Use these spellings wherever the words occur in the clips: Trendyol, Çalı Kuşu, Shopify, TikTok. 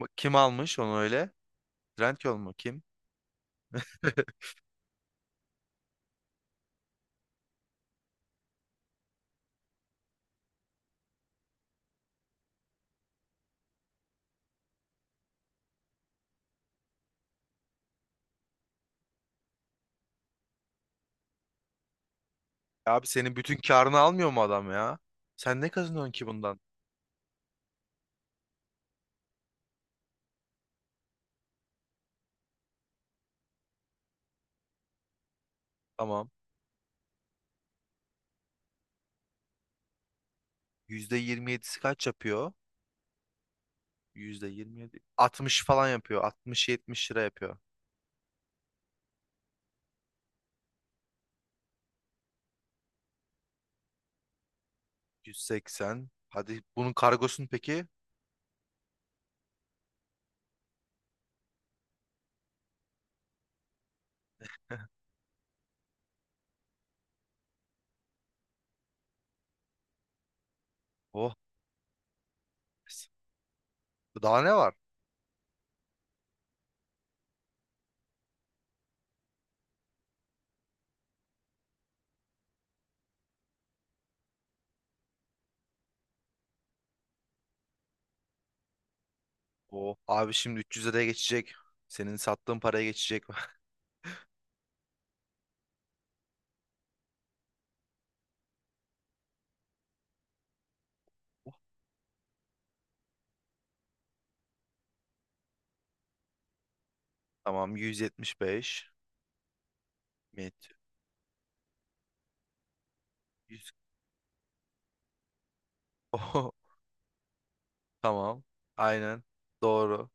Bak, kim almış onu öyle? Trendyol mu? Kim? Abi senin bütün karını almıyor mu adam ya? Sen ne kazanıyorsun ki bundan? Tamam. %27'si kaç yapıyor? %27. 60 falan yapıyor. 60 70 lira yapıyor. 180. Hadi bunun kargosun peki? Oh. Daha ne var? Oh. Abi şimdi 300 liraya geçecek. Senin sattığın paraya geçecek. Tamam. 175. Met. 100. Oh. Tamam. Aynen. Doğru.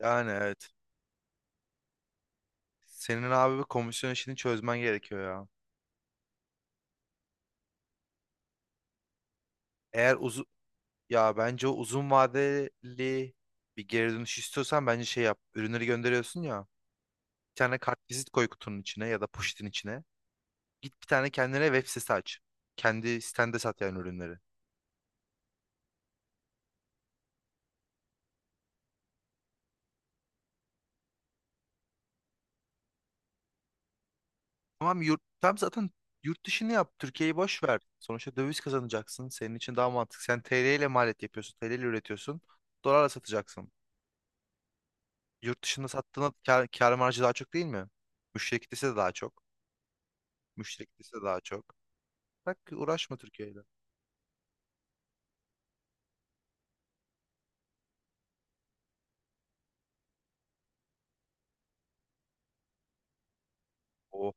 Yani evet. Senin abi bir komisyon işini çözmen gerekiyor ya. Eğer uzun Ya bence o uzun vadeli bir geri dönüş istiyorsan bence şey yap. Ürünleri gönderiyorsun ya. Bir tane kartvizit koy kutunun içine ya da poşetin içine. Git bir tane kendine web sitesi aç. Kendi sitende sat yani ürünleri. Tamam. Tam zaten yurt dışını yap. Türkiye'yi boş ver. Sonuçta döviz kazanacaksın. Senin için daha mantıklı. Sen TL ile maliyet yapıyorsun. TL ile üretiyorsun. Dolarla satacaksın. Yurt dışında sattığında kar marjı daha çok değil mi? Müşteri kitlesi de daha çok. Müşteklisi daha çok. Bak, uğraşma Türkiye'yle. O.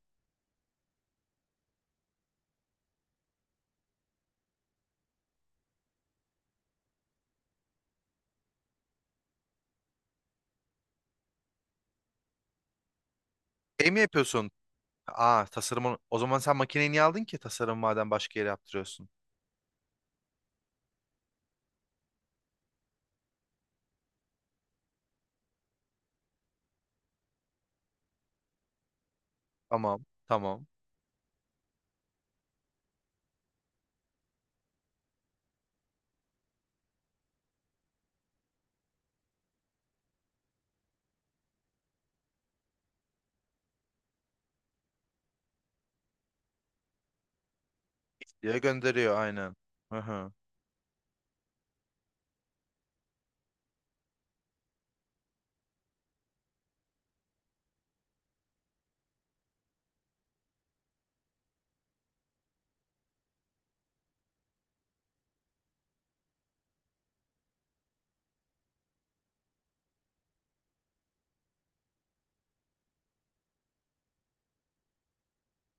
Şey mi yapıyorsun? Aa, tasarımın. O zaman sen makineyi niye aldın ki tasarım madem başka yere yaptırıyorsun? Tamam. Tamam. Diye gönderiyor aynen. Hı hı.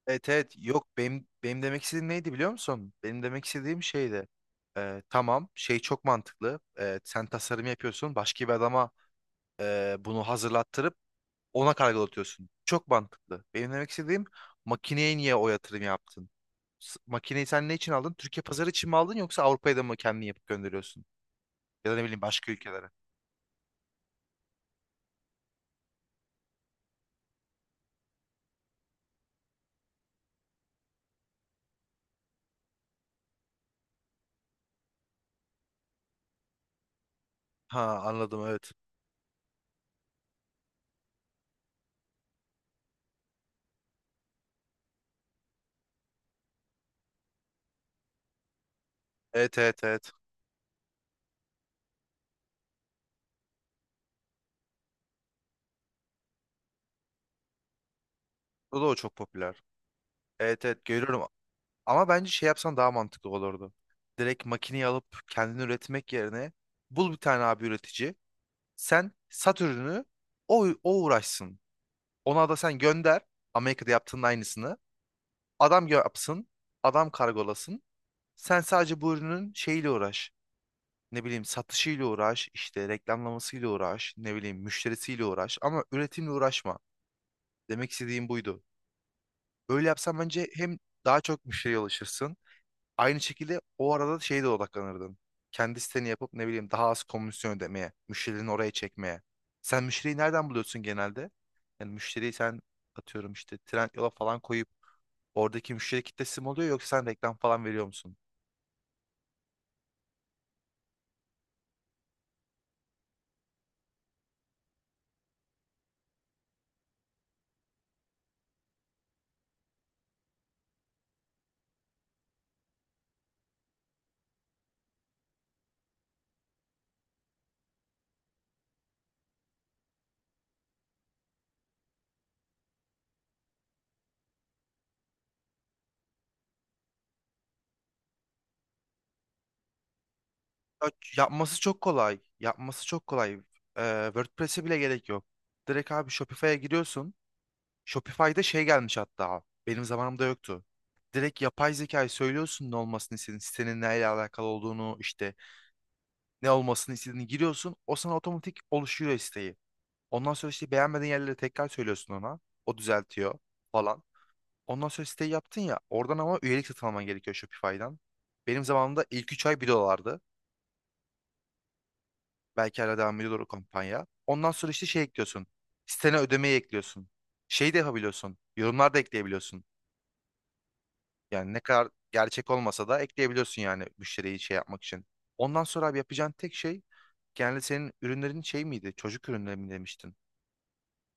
Evet, evet. Yok, benim demek istediğim neydi biliyor musun? Benim demek istediğim şeydi. Tamam, şey çok mantıklı. Sen tasarım yapıyorsun. Başka bir adama bunu hazırlattırıp ona kargolatıyorsun. Çok mantıklı. Benim demek istediğim makineye niye o yatırım yaptın? Makineyi sen ne için aldın? Türkiye pazarı için mi aldın, yoksa Avrupa'ya da mı kendini yapıp gönderiyorsun? Ya da ne bileyim başka ülkelere. Ha, anladım, evet. Evet, evet, evet. O da o çok popüler. Evet, evet, görüyorum. Ama bence şey yapsan daha mantıklı olurdu. Direkt makineyi alıp kendini üretmek yerine bul bir tane abi üretici. Sen sat ürünü, o uğraşsın. Ona da sen gönder. Amerika'da yaptığın aynısını. Adam yapsın, adam kargolasın. Sen sadece bu ürünün şeyiyle uğraş. Ne bileyim, satışıyla uğraş, işte reklamlamasıyla uğraş, ne bileyim müşterisiyle uğraş ama üretimle uğraşma. Demek istediğim buydu. Böyle yapsan bence hem daha çok müşteriye ulaşırsın. Aynı şekilde o arada şeye de odaklanırdın. Kendi siteni yapıp ne bileyim daha az komisyon ödemeye, müşterilerini oraya çekmeye. Sen müşteriyi nereden buluyorsun genelde? Yani müşteriyi sen atıyorum işte Trendyol'a falan koyup oradaki müşteri kitlesi mi oluyor, yoksa sen reklam falan veriyor musun? Ya, Yapması çok kolay. Yapması çok kolay. WordPress'e bile gerek yok. Direkt abi Shopify'a giriyorsun. Shopify'da şey gelmiş hatta. Benim zamanımda yoktu. Direkt yapay zekayı söylüyorsun ne olmasını istediğin, sitenin neyle alakalı olduğunu, işte ne olmasını istediğini giriyorsun. O sana otomatik oluşuyor siteyi. Ondan sonra işte beğenmediğin yerleri tekrar söylüyorsun ona. O düzeltiyor falan. Ondan sonra siteyi yaptın ya. Oradan ama üyelik satın alman gerekiyor Shopify'dan. Benim zamanımda ilk 3 ay 1 dolardı. Belki hala devam ediyor o kampanya. Ondan sonra işte şey ekliyorsun. Sitene ödemeyi ekliyorsun. Şey de yapabiliyorsun, yorumlar da ekleyebiliyorsun. Yani ne kadar gerçek olmasa da ekleyebiliyorsun yani müşteriyi şey yapmak için. Ondan sonra abi yapacağın tek şey, genelde senin ürünlerin şey miydi? Çocuk ürünleri mi demiştin?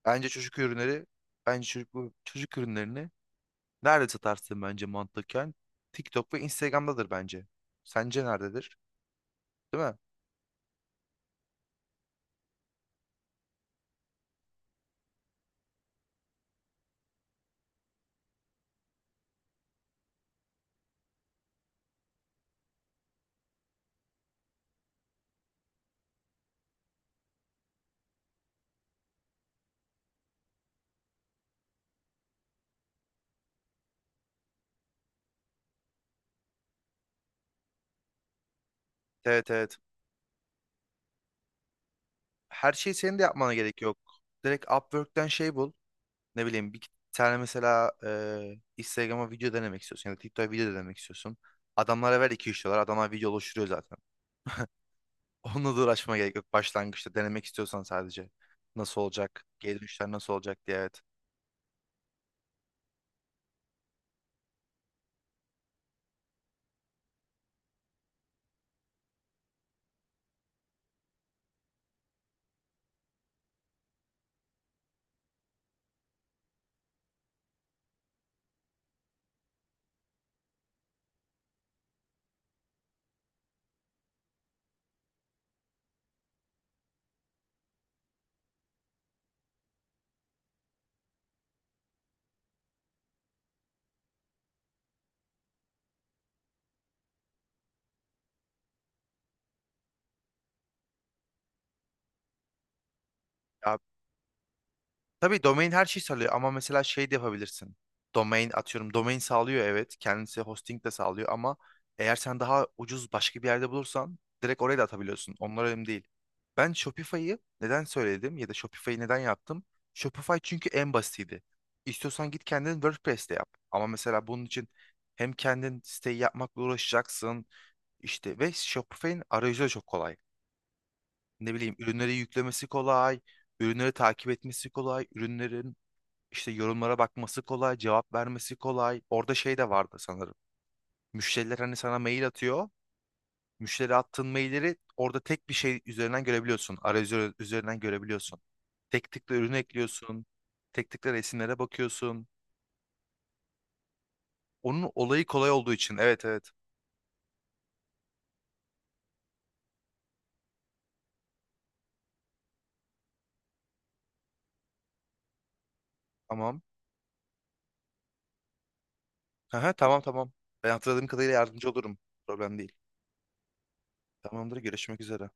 Bence çocuk ürünleri, bence çocuk ürünlerini nerede satarsın bence mantıken? TikTok ve Instagram'dadır bence. Sence nerededir? Değil mi? Evet, evet. Her şeyi senin de yapmana gerek yok. Direkt Upwork'ten şey bul. Ne bileyim bir tane mesela Instagram'a video denemek istiyorsun ya da TikTok'a video denemek istiyorsun. Adamlara ver 2-3 dolar. Adamlar video oluşturuyor zaten. Onunla da uğraşmaya gerek yok. Başlangıçta denemek istiyorsan sadece. Nasıl olacak? Geri dönüşler nasıl olacak diye, evet. Tabii, domain her şeyi sağlıyor ama mesela şey de yapabilirsin. Domain atıyorum, domain sağlıyor evet, kendisi hosting de sağlıyor ama eğer sen daha ucuz başka bir yerde bulursan direkt oraya da atabiliyorsun. Onlar önemli değil. Ben Shopify'ı neden söyledim, ya da Shopify'ı neden yaptım? Shopify çünkü en basitiydi. İstiyorsan git kendin WordPress'te yap. Ama mesela bunun için hem kendin siteyi yapmakla uğraşacaksın işte, ve Shopify'in arayüzü de çok kolay. Ne bileyim, ürünleri yüklemesi kolay, ürünleri takip etmesi kolay, ürünlerin işte yorumlara bakması kolay, cevap vermesi kolay. Orada şey de vardı sanırım. Müşteriler hani sana mail atıyor. Müşteri attığın mailleri orada tek bir şey üzerinden görebiliyorsun. Arayüzü üzerinden görebiliyorsun. Tek tıkla ürünü ekliyorsun. Tek tıkla resimlere bakıyorsun. Onun olayı kolay olduğu için. Evet, evet. Tamam. Aha, tamam, tamam. Ben hatırladığım kadarıyla yardımcı olurum. Problem değil. Tamamdır. Görüşmek üzere.